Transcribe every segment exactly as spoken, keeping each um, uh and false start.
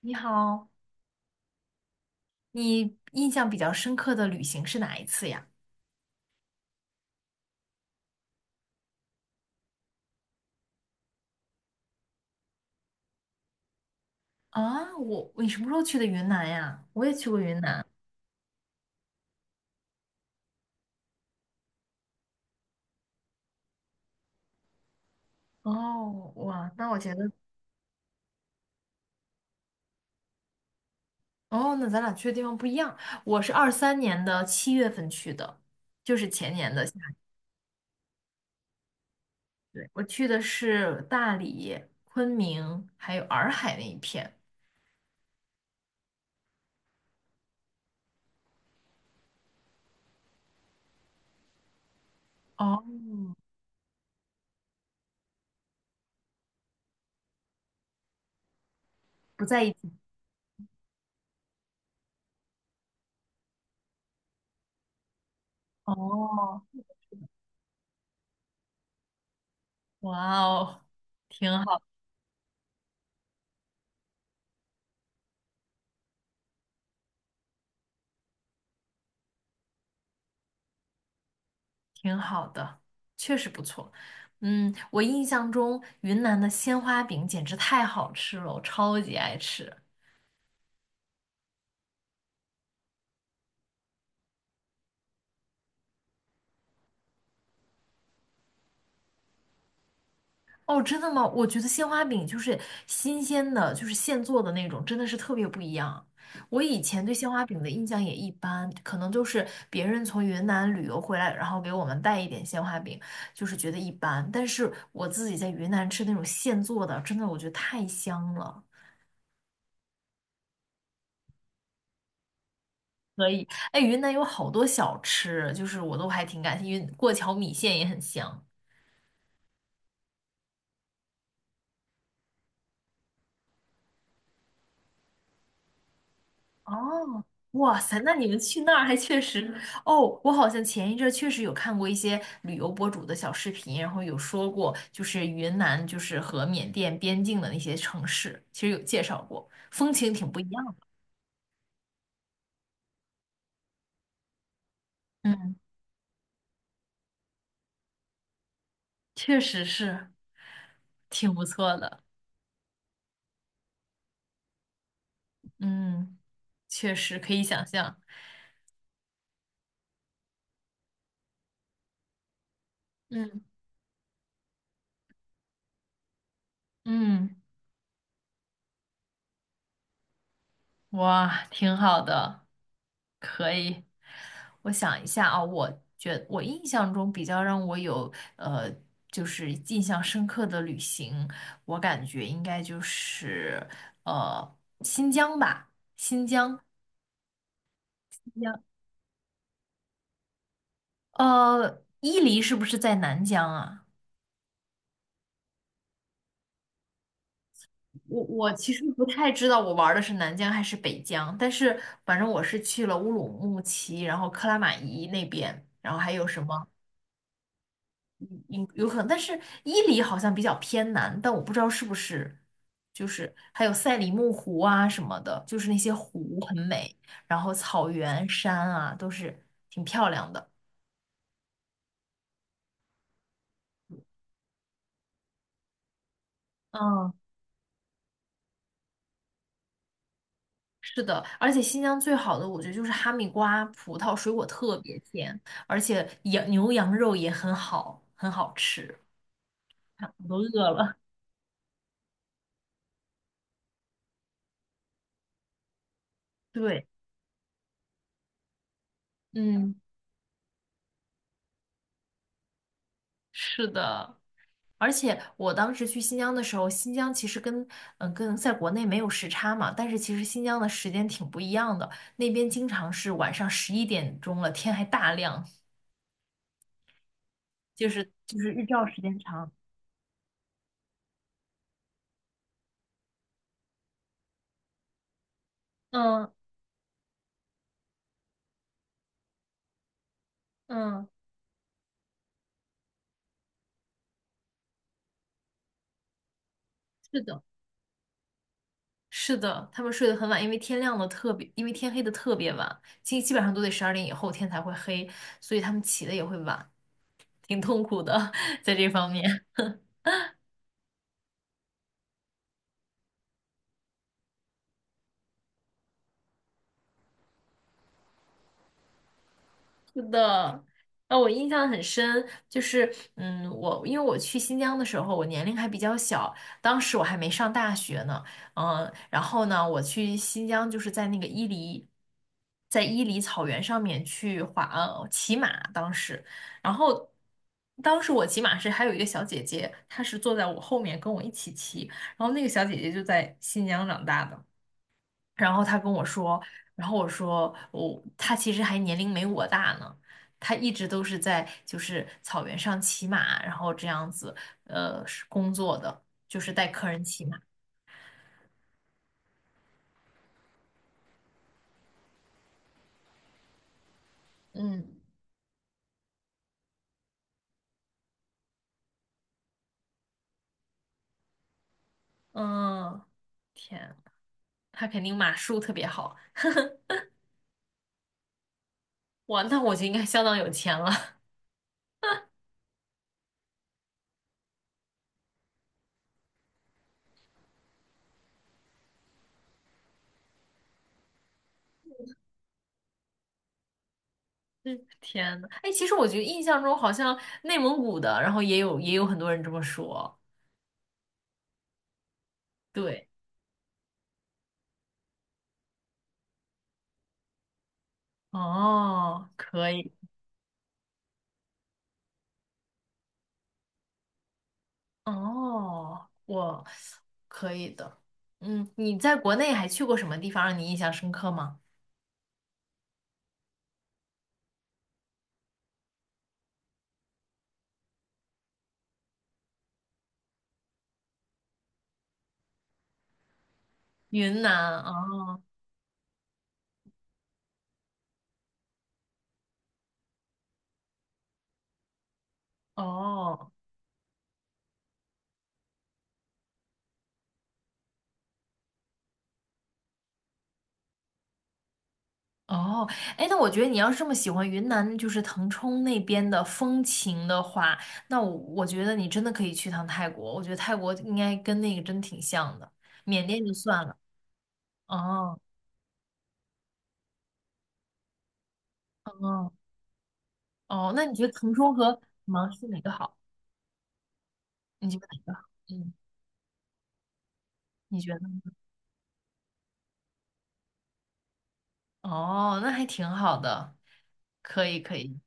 你好，你印象比较深刻的旅行是哪一次呀？啊，我，你什么时候去的云南呀？我也去过云南。哦，哇，那我觉得，哦，那咱俩去的地方不一样。我是二三年的七月份去的，就是前年的夏天。对，我去的是大理、昆明还有洱海那一片。哦，不在一起。哦，哇哦，挺好。挺好的，确实不错。嗯，我印象中云南的鲜花饼简直太好吃了，我超级爱吃。哦，真的吗？我觉得鲜花饼就是新鲜的，就是现做的那种，真的是特别不一样。我以前对鲜花饼的印象也一般，可能就是别人从云南旅游回来，然后给我们带一点鲜花饼，就是觉得一般。但是我自己在云南吃那种现做的，真的我觉得太香了。可以。哎，云南有好多小吃，就是我都还挺感兴趣，云过桥米线也很香。哦，哇塞，那你们去那儿还确实，哦，我好像前一阵儿确实有看过一些旅游博主的小视频，然后有说过，就是云南就是和缅甸边境的那些城市，其实有介绍过，风情挺不一样的。嗯，确实是挺不错的。嗯，确实可以想象。嗯嗯，哇，挺好的。哎我想一下啊，我觉我印象中比较让我有呃，就是印象深刻的旅行，我感觉应该就是呃新疆吧，新疆，新疆，呃，伊犁是不是在南疆啊？我我其实不太知道我玩的是南疆还是北疆，但是反正我是去了乌鲁木齐，然后克拉玛依那边，然后还有什么？有有可能，但是伊犁好像比较偏南，但我不知道是不是，就是还有赛里木湖啊什么的，就是那些湖很美，然后草原、山啊都是挺漂亮的。嗯，是的，而且新疆最好的我觉得就是哈密瓜、葡萄，水果特别甜，而且羊牛羊肉也很好，很好吃。看我都饿了。对，嗯，是的。而且我当时去新疆的时候，新疆其实跟嗯、呃跟在国内没有时差嘛，但是其实新疆的时间挺不一样的，那边经常是晚上十一点钟了，天还大亮，就是就是日照时间长。嗯嗯，是的，是的，他们睡得很晚，因为天亮的特别，因为天黑的特别晚，基基本上都得十二点以后天才会黑，所以他们起的也会晚，挺痛苦的，在这方面。是的，呃，我印象很深，就是，嗯，我因为我去新疆的时候，我年龄还比较小，当时我还没上大学呢，嗯，然后呢，我去新疆就是在那个伊犁，在伊犁草原上面去滑，呃，骑马，当时，然后。当时我骑马是还有一个小姐姐，她是坐在我后面跟我一起骑，然后那个小姐姐就在新疆长大的。然后他跟我说，然后我说我、他其实还年龄没我大呢，他一直都是在就是草原上骑马，然后这样子呃是工作的，就是带客人骑马。嗯嗯，天，他肯定马术特别好，哇，那我就应该相当有钱了。嗯，天呐，哎，其实我觉得印象中好像内蒙古的，然后也有也有很多人这么说。对，哦，可以。哦，我可以的。嗯，你在国内还去过什么地方让你印象深刻吗？云南，哦哦哦，哎，那我觉得你要是这么喜欢云南，就是腾冲那边的风情的话，那我我觉得你真的可以去趟泰国。我觉得泰国应该跟那个真挺像的，缅甸就算了。哦哦哦，那你觉得腾冲和芒市哪个好？你觉得哪个好？嗯，你觉得？哦，那还挺好的，可以可以。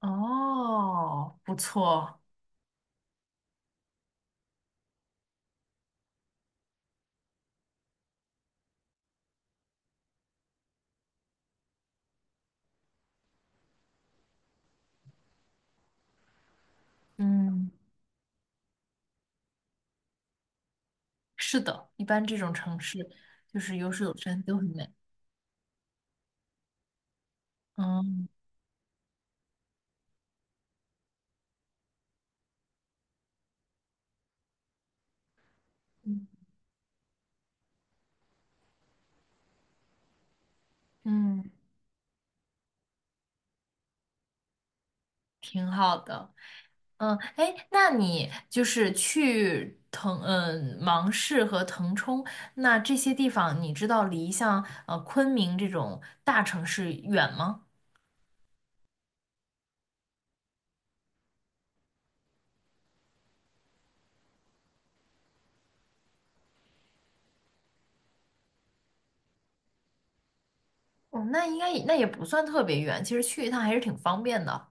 哦，不错，嗯，是的，一般这种城市就是有水有山都很美。嗯嗯，嗯挺好的。嗯，哎，那你就是去腾嗯芒市和腾冲，那这些地方你知道离像呃昆明这种大城市远吗？哦，那应该也那也不算特别远，其实去一趟还是挺方便的。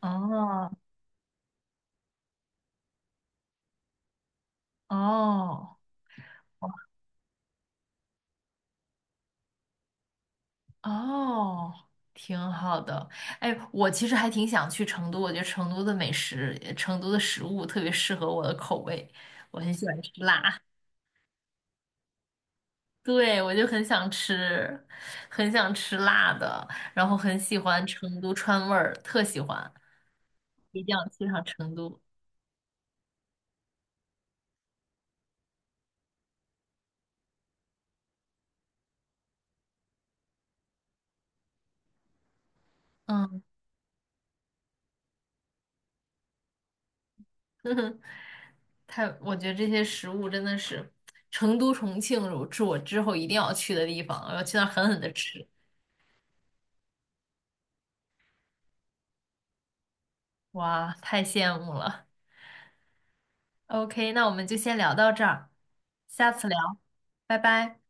哦哦，哦，挺好的。哎，我其实还挺想去成都，我觉得成都的美食、呃成都的食物特别适合我的口味，我很喜欢吃辣。对，我就很想吃，很想吃辣的，然后很喜欢成都川味儿，特喜欢，一定要去趟成都。嗯，太，我觉得这些食物真的是成都、重庆是我之后一定要去的地方，我要去那儿狠狠的吃。哇，太羡慕了。OK，那我们就先聊到这儿，下次聊，拜拜。